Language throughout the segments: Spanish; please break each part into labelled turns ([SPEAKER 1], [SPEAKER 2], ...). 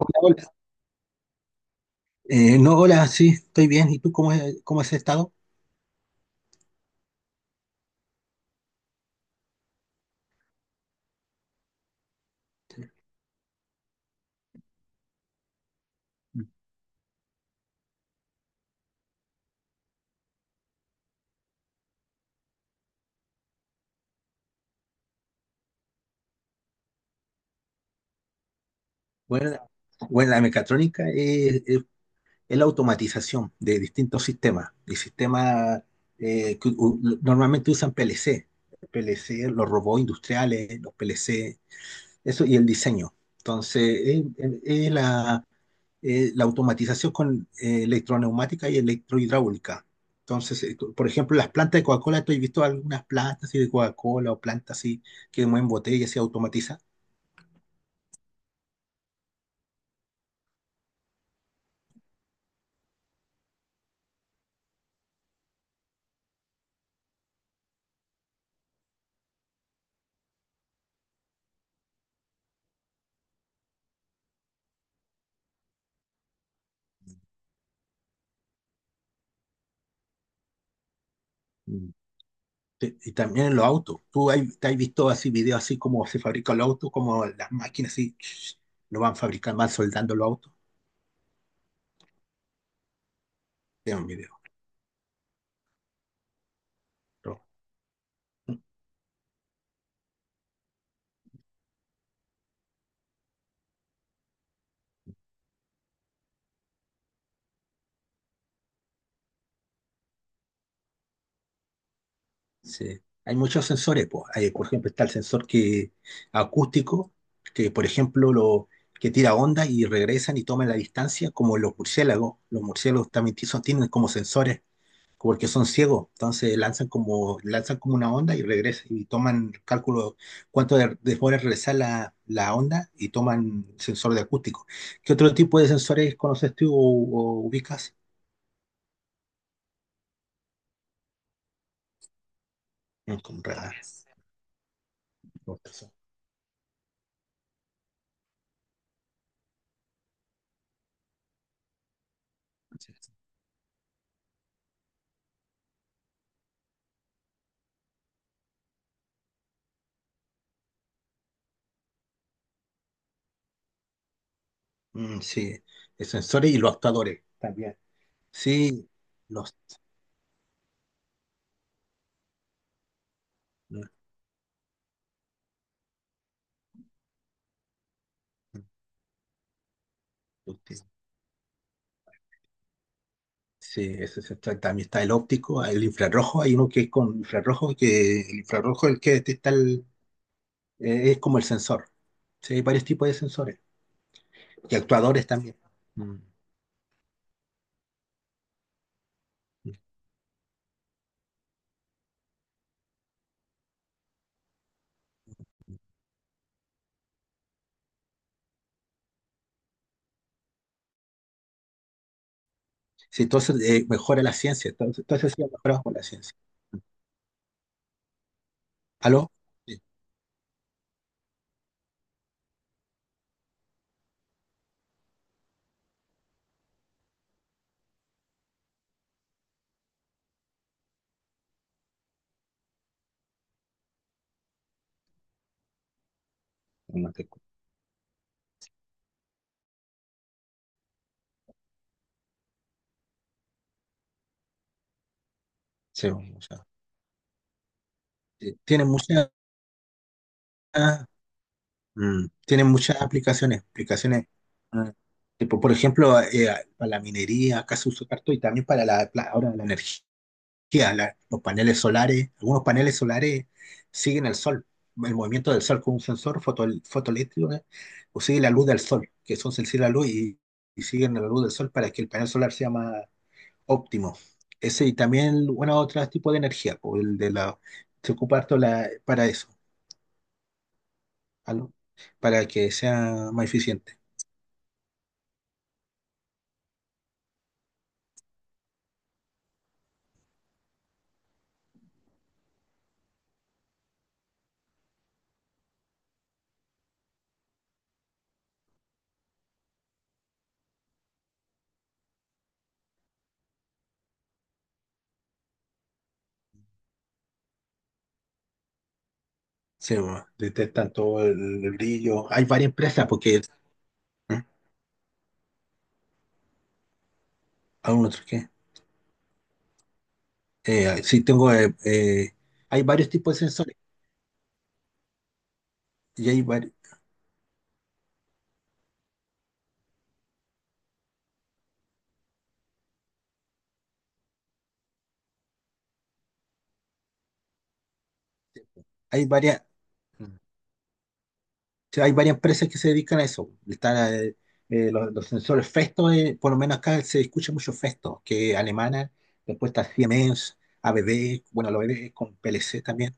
[SPEAKER 1] Hola. No, hola, sí, estoy bien. ¿Y tú cómo, cómo has estado? Bueno, la- bueno, la mecatrónica es la automatización de distintos sistemas, de sistemas que normalmente usan PLC, los robots industriales, los PLC, eso y el diseño. Entonces, es la, la automatización con electroneumática y electrohidráulica. Entonces, por ejemplo, las plantas de Coca-Cola, tú has visto algunas plantas así de Coca-Cola o plantas así que mueven botellas y se automatiza. Mm. Y también en los autos. Te has visto así videos así como se fabrican los autos, como las máquinas así lo van fabricando, van soldando los autos. Es un video. Sí. Hay muchos sensores, po. Hay, por ejemplo, está el acústico, que por ejemplo que tira ondas y regresan y toman la distancia, como los murciélagos. Los murciélagos también tienen como sensores, porque son ciegos. Entonces lanzan como una onda y regresan y toman cálculo cuánto demora en regresar la, la onda y toman sensor de acústico. ¿Qué otro tipo de sensores conoces tú o ubicas? Mm, con radar, con sensor. Mm, sí, de sensores y los actuadores también. Sí, los, los que- sí, ese se trata. También está el óptico, el infrarrojo, hay uno que es con infrarrojo, que el infrarrojo es el que detecta es como el sensor. Sí, hay varios tipos de sensores y actuadores también. Mm. Sí, entonces mejora la ciencia, entonces sí, ha mejorado con la ciencia. ¿Aló? Sí, no te escucho. Sí, o sea, tiene muchas mm, tiene muchas aplicaciones, ah, tipo, por ejemplo, para la minería, acá se usa harto, y también para ahora la energía, los paneles solares, algunos paneles solares siguen el sol, el movimiento del sol con un sensor fotoeléctrico, ¿eh? O sigue la luz del sol, que son sensibles a la luz y siguen la luz del sol para que el panel solar sea más óptimo. Ese y también, bueno, otro tipo de energía, o el de la, se ocupa harto la, para eso, ¿aló? Para que sea más eficiente. Sí, bo, detectan todo el brillo. Hay varias empresas porque ¿eh? Aún otro qué. Sí, tengo. Hay varios tipos de sensores y hay varias. Sí, hay varias empresas que se dedican a eso. Están los sensores Festo, por lo menos acá se escucha mucho Festo, que es alemana, después está Siemens, ABB, bueno, los ABB con PLC también,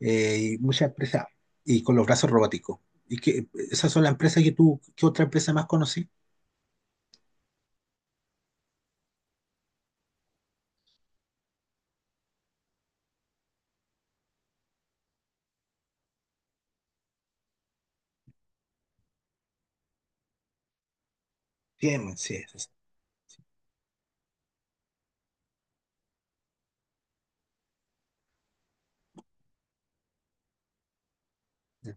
[SPEAKER 1] y muchas empresas, y con los brazos robóticos. ¿Y que esas son las empresas que tú, qué otra empresa más conocí? Siemens, sí, es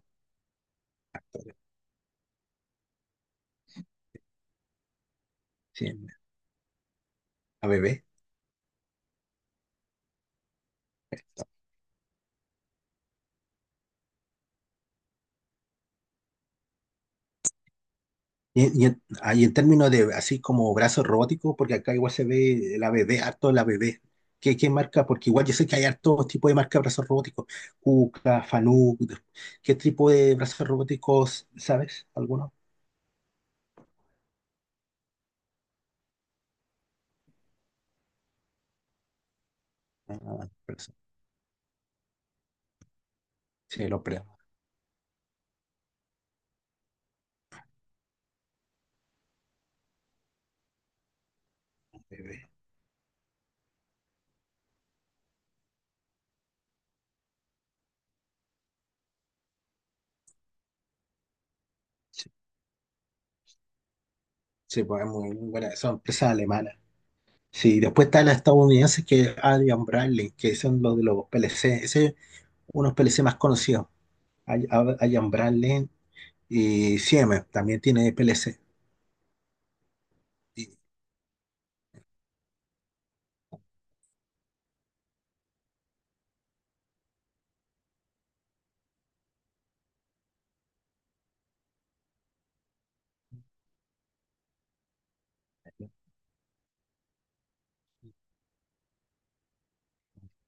[SPEAKER 1] Siemens, ABB. Y en, ah, y en términos de así como brazos robóticos, porque acá igual se ve el ABB, harto el ABB. Qué marca? Porque igual yo sé que hay harto tipo de marca de brazos robóticos. Kuka, Fanuc. ¿Qué tipo de brazos robóticos sabes? ¿Alguno? Ah, pero sí, sí, lo creo. ABB. Sí, sí, pues es muy buena. Son empresas alemanas. Sí, después está las estadounidenses que es Adrian Bradley, que son los de los PLC. Ese es uno de los PLC más conocidos. Hay Ambral y Siemens también tiene PLC. Y,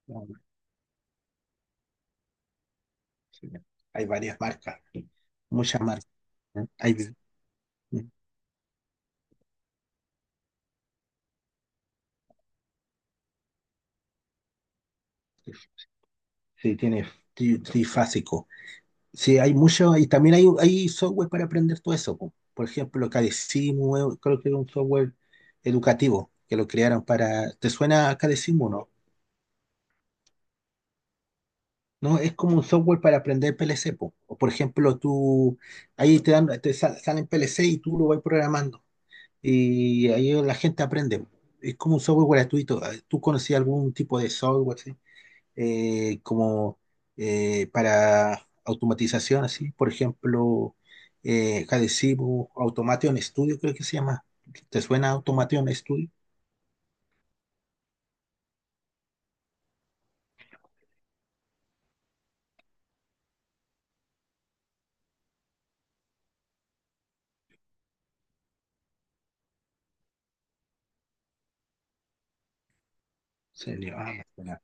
[SPEAKER 1] bueno, sí, hay varias marcas, muchas marcas. ¿Eh? Hay, sí, tiene trifásico. Sí, hay mucho, y también hay software para aprender todo eso, po. Por ejemplo, Cadecimu, creo que es un software educativo que lo crearon para. ¿Te suena a Cadecimu, no? No, es como un software para aprender PLC, po. O por ejemplo, tú ahí te dan, salen PLC y tú lo vas programando. Y ahí la gente aprende. Es como un software gratuito. Ah, ¿tú conocías algún tipo de software así? Como Para automatización, así. Por ejemplo, Hadesivo, Automation Studio, creo que se llama. ¿Te suena Automation Studio? Serio, ah, me suena.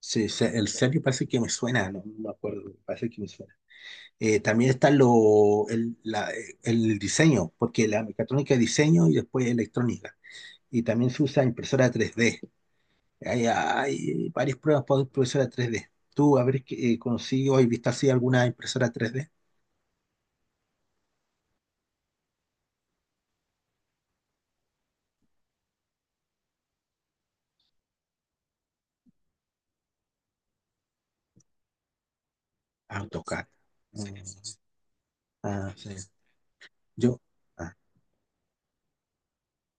[SPEAKER 1] Sí, el serio parece que me suena, no me acuerdo, parece que me suena. También está el diseño, porque la mecatrónica es diseño y después electrónica. Y también se usa impresora 3D. Hay varias pruebas para impresora 3D. Tú, a ver, qué, ¿consigo o viste así alguna impresora 3D? AutoCAD. Mm, ah, sí. Yo, ah,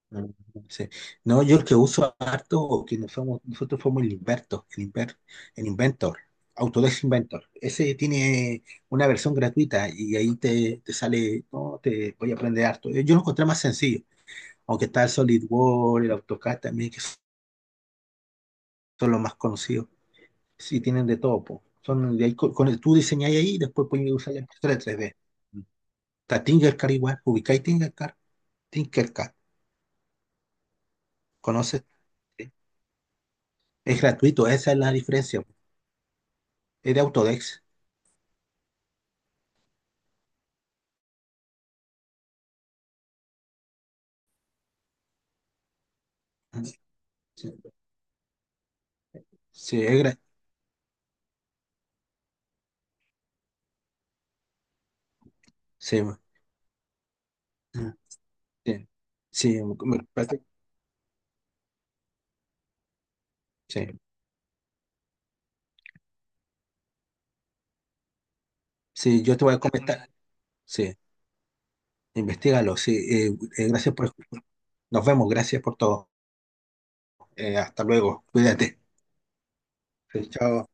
[SPEAKER 1] mm, sí. No, yo el que uso harto, o que nos fuimos- nosotros fuimos el el Inventor, Autodesk Inventor. Ese tiene una versión gratuita y ahí te, te sale, no, te voy a aprender harto. Yo lo encontré más sencillo, aunque está el SolidWorks, el AutoCAD también, que son los más conocidos. Sí, tienen de todo, po. Son de ahí, tú diseñáis ahí y después puedes usar la impresora 3D. Está Tinkercad igual, ubicáis Tinkercad. Tinkercad, ¿conoces? Sí. Es gratuito, esa es la diferencia, po. Es de Autodesk. Sí, sí, sí, mm, sí, sí, sí, sí, yo te voy a comentar. Sí, investigalo. Sí, gracias por. Nos vemos, gracias por todo. Hasta luego, cuídate. Sí, chao.